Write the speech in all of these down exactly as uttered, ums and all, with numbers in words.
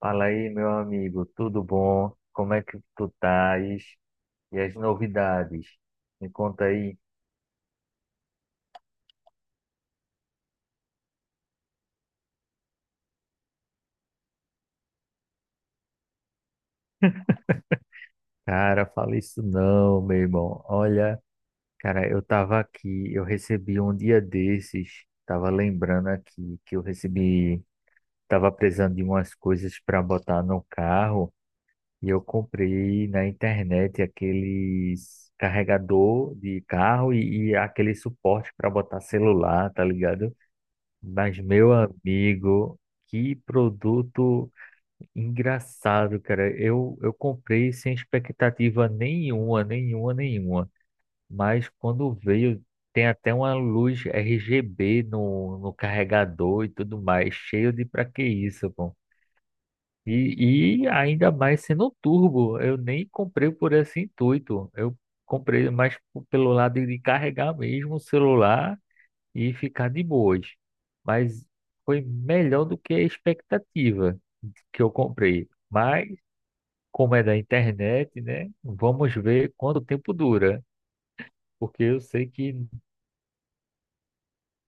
Fala aí, meu amigo, tudo bom? Como é que tu estás? E as novidades? Me conta aí. Cara, fala isso não, meu irmão. Olha, cara, eu tava aqui, eu recebi um dia desses, tava lembrando aqui que eu recebi, tava precisando de umas coisas para botar no carro e eu comprei na internet aqueles carregador de carro e, e aquele suporte para botar celular, tá ligado? Mas, meu amigo, que produto engraçado, cara. Eu, eu comprei sem expectativa nenhuma, nenhuma, nenhuma. Mas quando veio, tem até uma luz R G B no, no carregador e tudo mais. Cheio de pra que isso, pô? E, e ainda mais sendo turbo. Eu nem comprei por esse intuito. Eu comprei mais p- pelo lado de carregar mesmo o celular e ficar de boas. Mas foi melhor do que a expectativa que eu comprei. Mas, como é da internet, né? Vamos ver quanto tempo dura. Porque eu sei que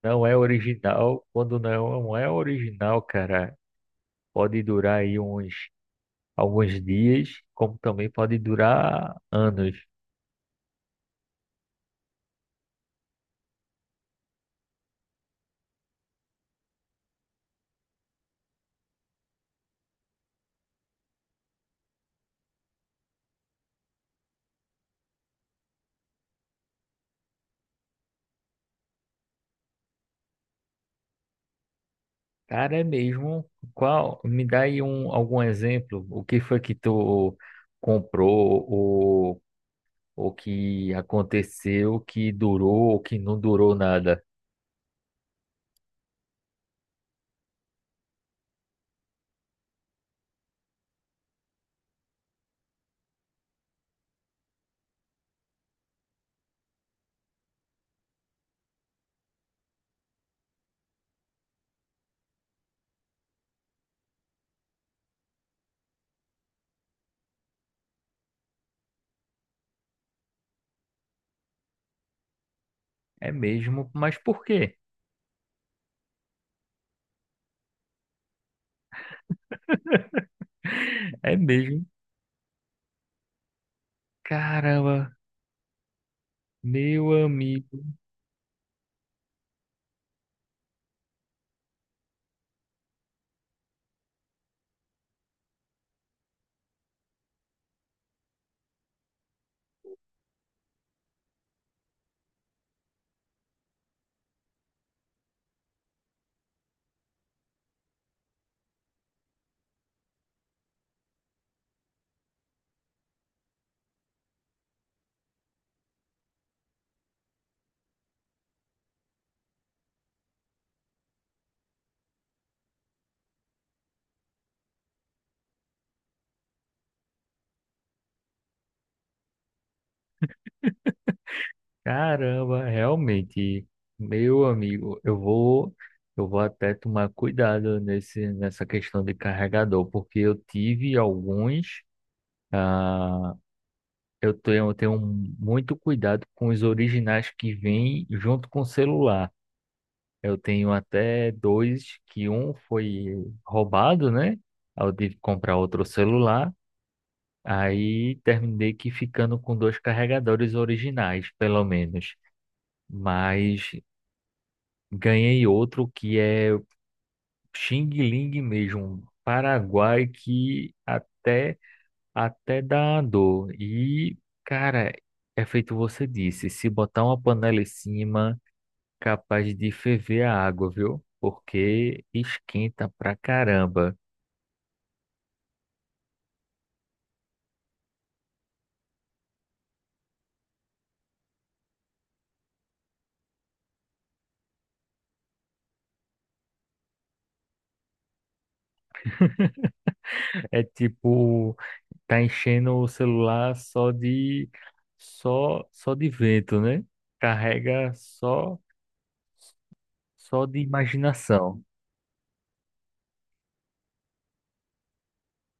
não é original. Quando não é original, cara, pode durar aí uns alguns dias, como também pode durar anos. Cara, é mesmo. Qual? Me dá aí um, algum exemplo. O que foi que tu comprou? O que aconteceu, o que durou, o que não durou nada. É mesmo, mas por quê? É mesmo. Caramba, meu amigo, caramba, realmente, meu amigo, eu vou, eu vou até tomar cuidado nesse, nessa questão de carregador, porque eu tive alguns, ah, eu tenho, eu tenho muito cuidado com os originais que vêm junto com o celular. Eu tenho até dois, que um foi roubado, né? Aí eu tive que comprar outro celular. Aí terminei que ficando com dois carregadores originais, pelo menos. Mas ganhei outro que é Xing Ling mesmo, um Paraguai, que até, até dá dor. E, cara, é feito você disse, se botar uma panela em cima. Capaz de ferver a água, viu? Porque esquenta pra caramba. É tipo, tá enchendo o celular só de só só de vento, né? Carrega só só de imaginação.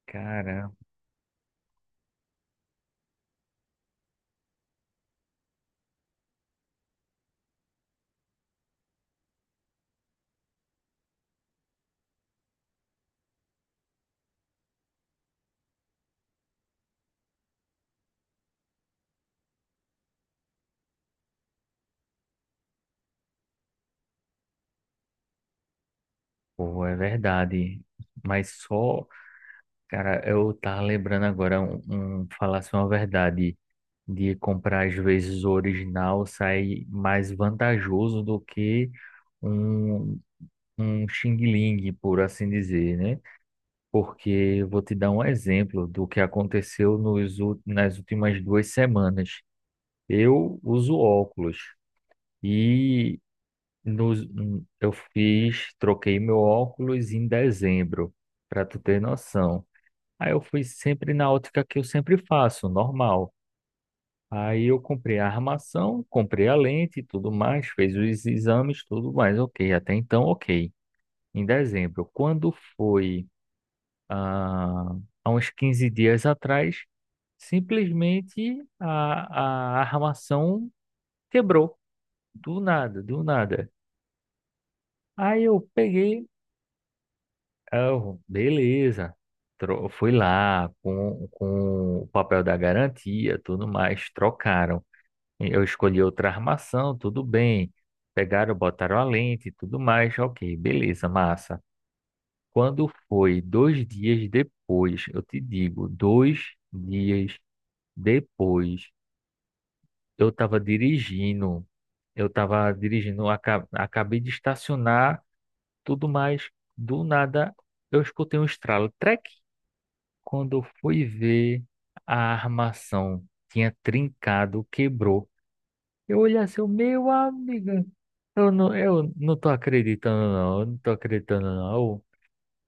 Cara, pô, é verdade. Mas só, cara, eu tava lembrando agora um, um falasse uma verdade de comprar às vezes o original sai mais vantajoso do que um um Xing Ling, por assim dizer, né? Porque eu vou te dar um exemplo do que aconteceu nos, ú- nas últimas duas semanas. Eu uso óculos e nos, hum, eu fiz, troquei meu óculos em dezembro, para tu ter noção. Aí eu fui sempre na ótica que eu sempre faço, normal. Aí eu comprei a armação, comprei a lente e tudo mais, fez os exames, tudo mais, ok. Até então, ok. Em dezembro. Quando foi? ah, há uns quinze dias atrás, simplesmente a, a armação quebrou. Do nada, do nada. Aí eu peguei, ah, eu, beleza. Tro- Fui lá com, com o papel da garantia, tudo mais, trocaram. Eu escolhi outra armação, tudo bem. Pegaram, botaram a lente, tudo mais, ok, beleza, massa. Quando foi dois dias depois, eu te digo, dois dias depois, eu estava dirigindo, eu estava dirigindo, aca- acabei de estacionar, tudo mais. Do nada, eu escutei um estralo, trec. Quando eu fui ver, a armação tinha trincado, quebrou. Eu olhei assim, eu, meu amigo, eu não, eu não tô acreditando não, eu não tô acreditando não.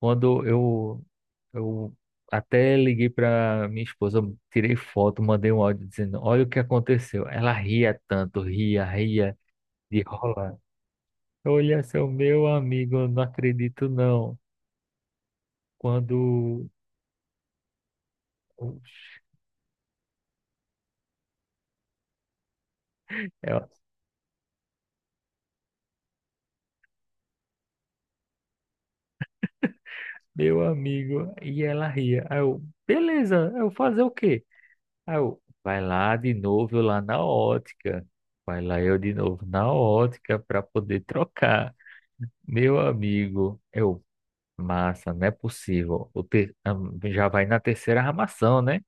Quando eu, eu até liguei para minha esposa, tirei foto, mandei um áudio dizendo: Olha o que aconteceu. Ela ria tanto, ria, ria de rola. Olha, seu meu amigo, eu não acredito não. Quando. Ela, meu amigo, e ela ria. Aí eu, beleza, eu fazer o quê? Aí eu, vai lá de novo, eu lá na ótica. Vai lá eu de novo na ótica para poder trocar. Meu amigo, eu. Massa, não é possível. O ter... am- Já vai na terceira armação, né?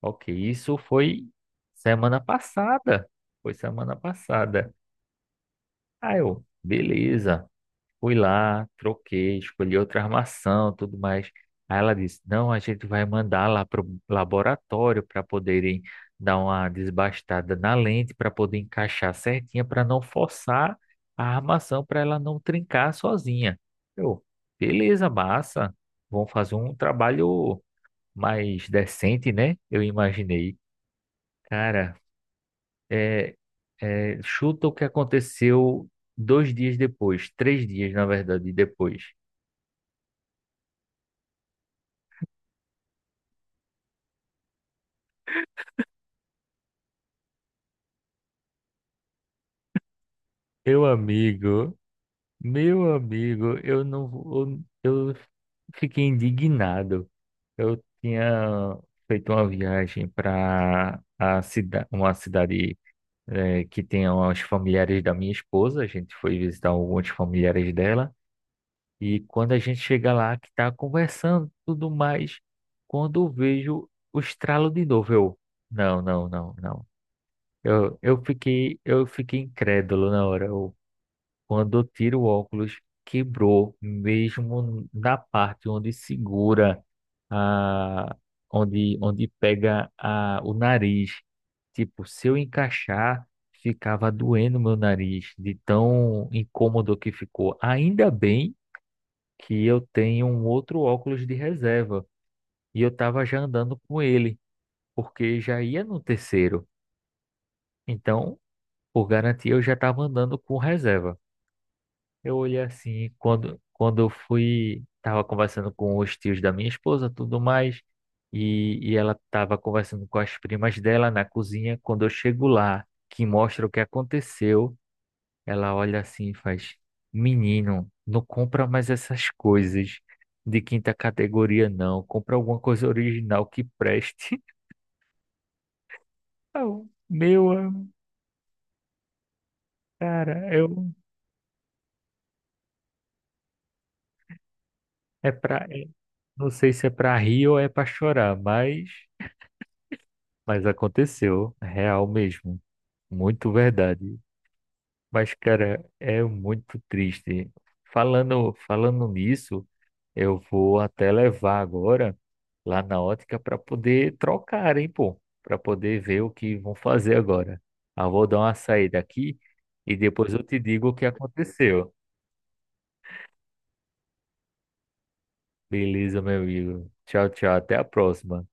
Ok, isso foi semana passada. Foi semana passada. Ah, eu, beleza. Fui lá, troquei, escolhi outra armação, tudo mais. Aí ela disse: Não, a gente vai mandar lá para o laboratório para poderem dar uma desbastada na lente, para poder encaixar certinha, para não forçar a armação, para ela não trincar sozinha. Eu, beleza, massa. Vão fazer um trabalho mais decente, né? Eu imaginei. Cara, é, é, chuta o que aconteceu dois dias depois, três dias, na verdade, depois. Meu amigo, meu amigo, eu não, vou- eu, fiquei indignado. Eu tinha feito uma viagem para a cidade, uma cidade eh, que tem os familiares da minha esposa. A gente foi visitar alguns familiares dela e quando a gente chega lá, que está conversando, tudo mais, quando eu vejo o estralo de novo, eu, não, não, não, não. Eu, eu fiquei, eu fiquei incrédulo na hora. Quando eu tiro o óculos, quebrou, mesmo na parte onde segura a, onde, onde pega a, o nariz. Tipo, se eu encaixar, ficava doendo meu nariz, de tão incômodo que ficou. Ainda bem que eu tenho um outro óculos de reserva e eu estava já andando com ele, porque já ia no terceiro. Então, por garantia, eu já estava andando com reserva. Eu olhei assim, e quando, quando eu fui, tava conversando com os tios da minha esposa, tudo mais, e, e ela tava conversando com as primas dela na cozinha. Quando eu chego lá, que mostra o que aconteceu, ela olha assim e faz: Menino, não compra mais essas coisas de quinta categoria, não. Compra alguma coisa original que preste. Eu, Meu, am- cara, eu é pra, é- não sei se é pra rir ou é pra chorar, mas. Mas aconteceu, é real mesmo. Muito verdade. Mas, cara, é muito triste. Falando, falando nisso, eu vou até levar agora lá na ótica para poder trocar, hein, pô? Para poder ver o que vão fazer agora. Ah, vou dar uma saída aqui e depois eu te digo o que aconteceu. Beleza, meu amigo. Tchau, tchau. Até a próxima.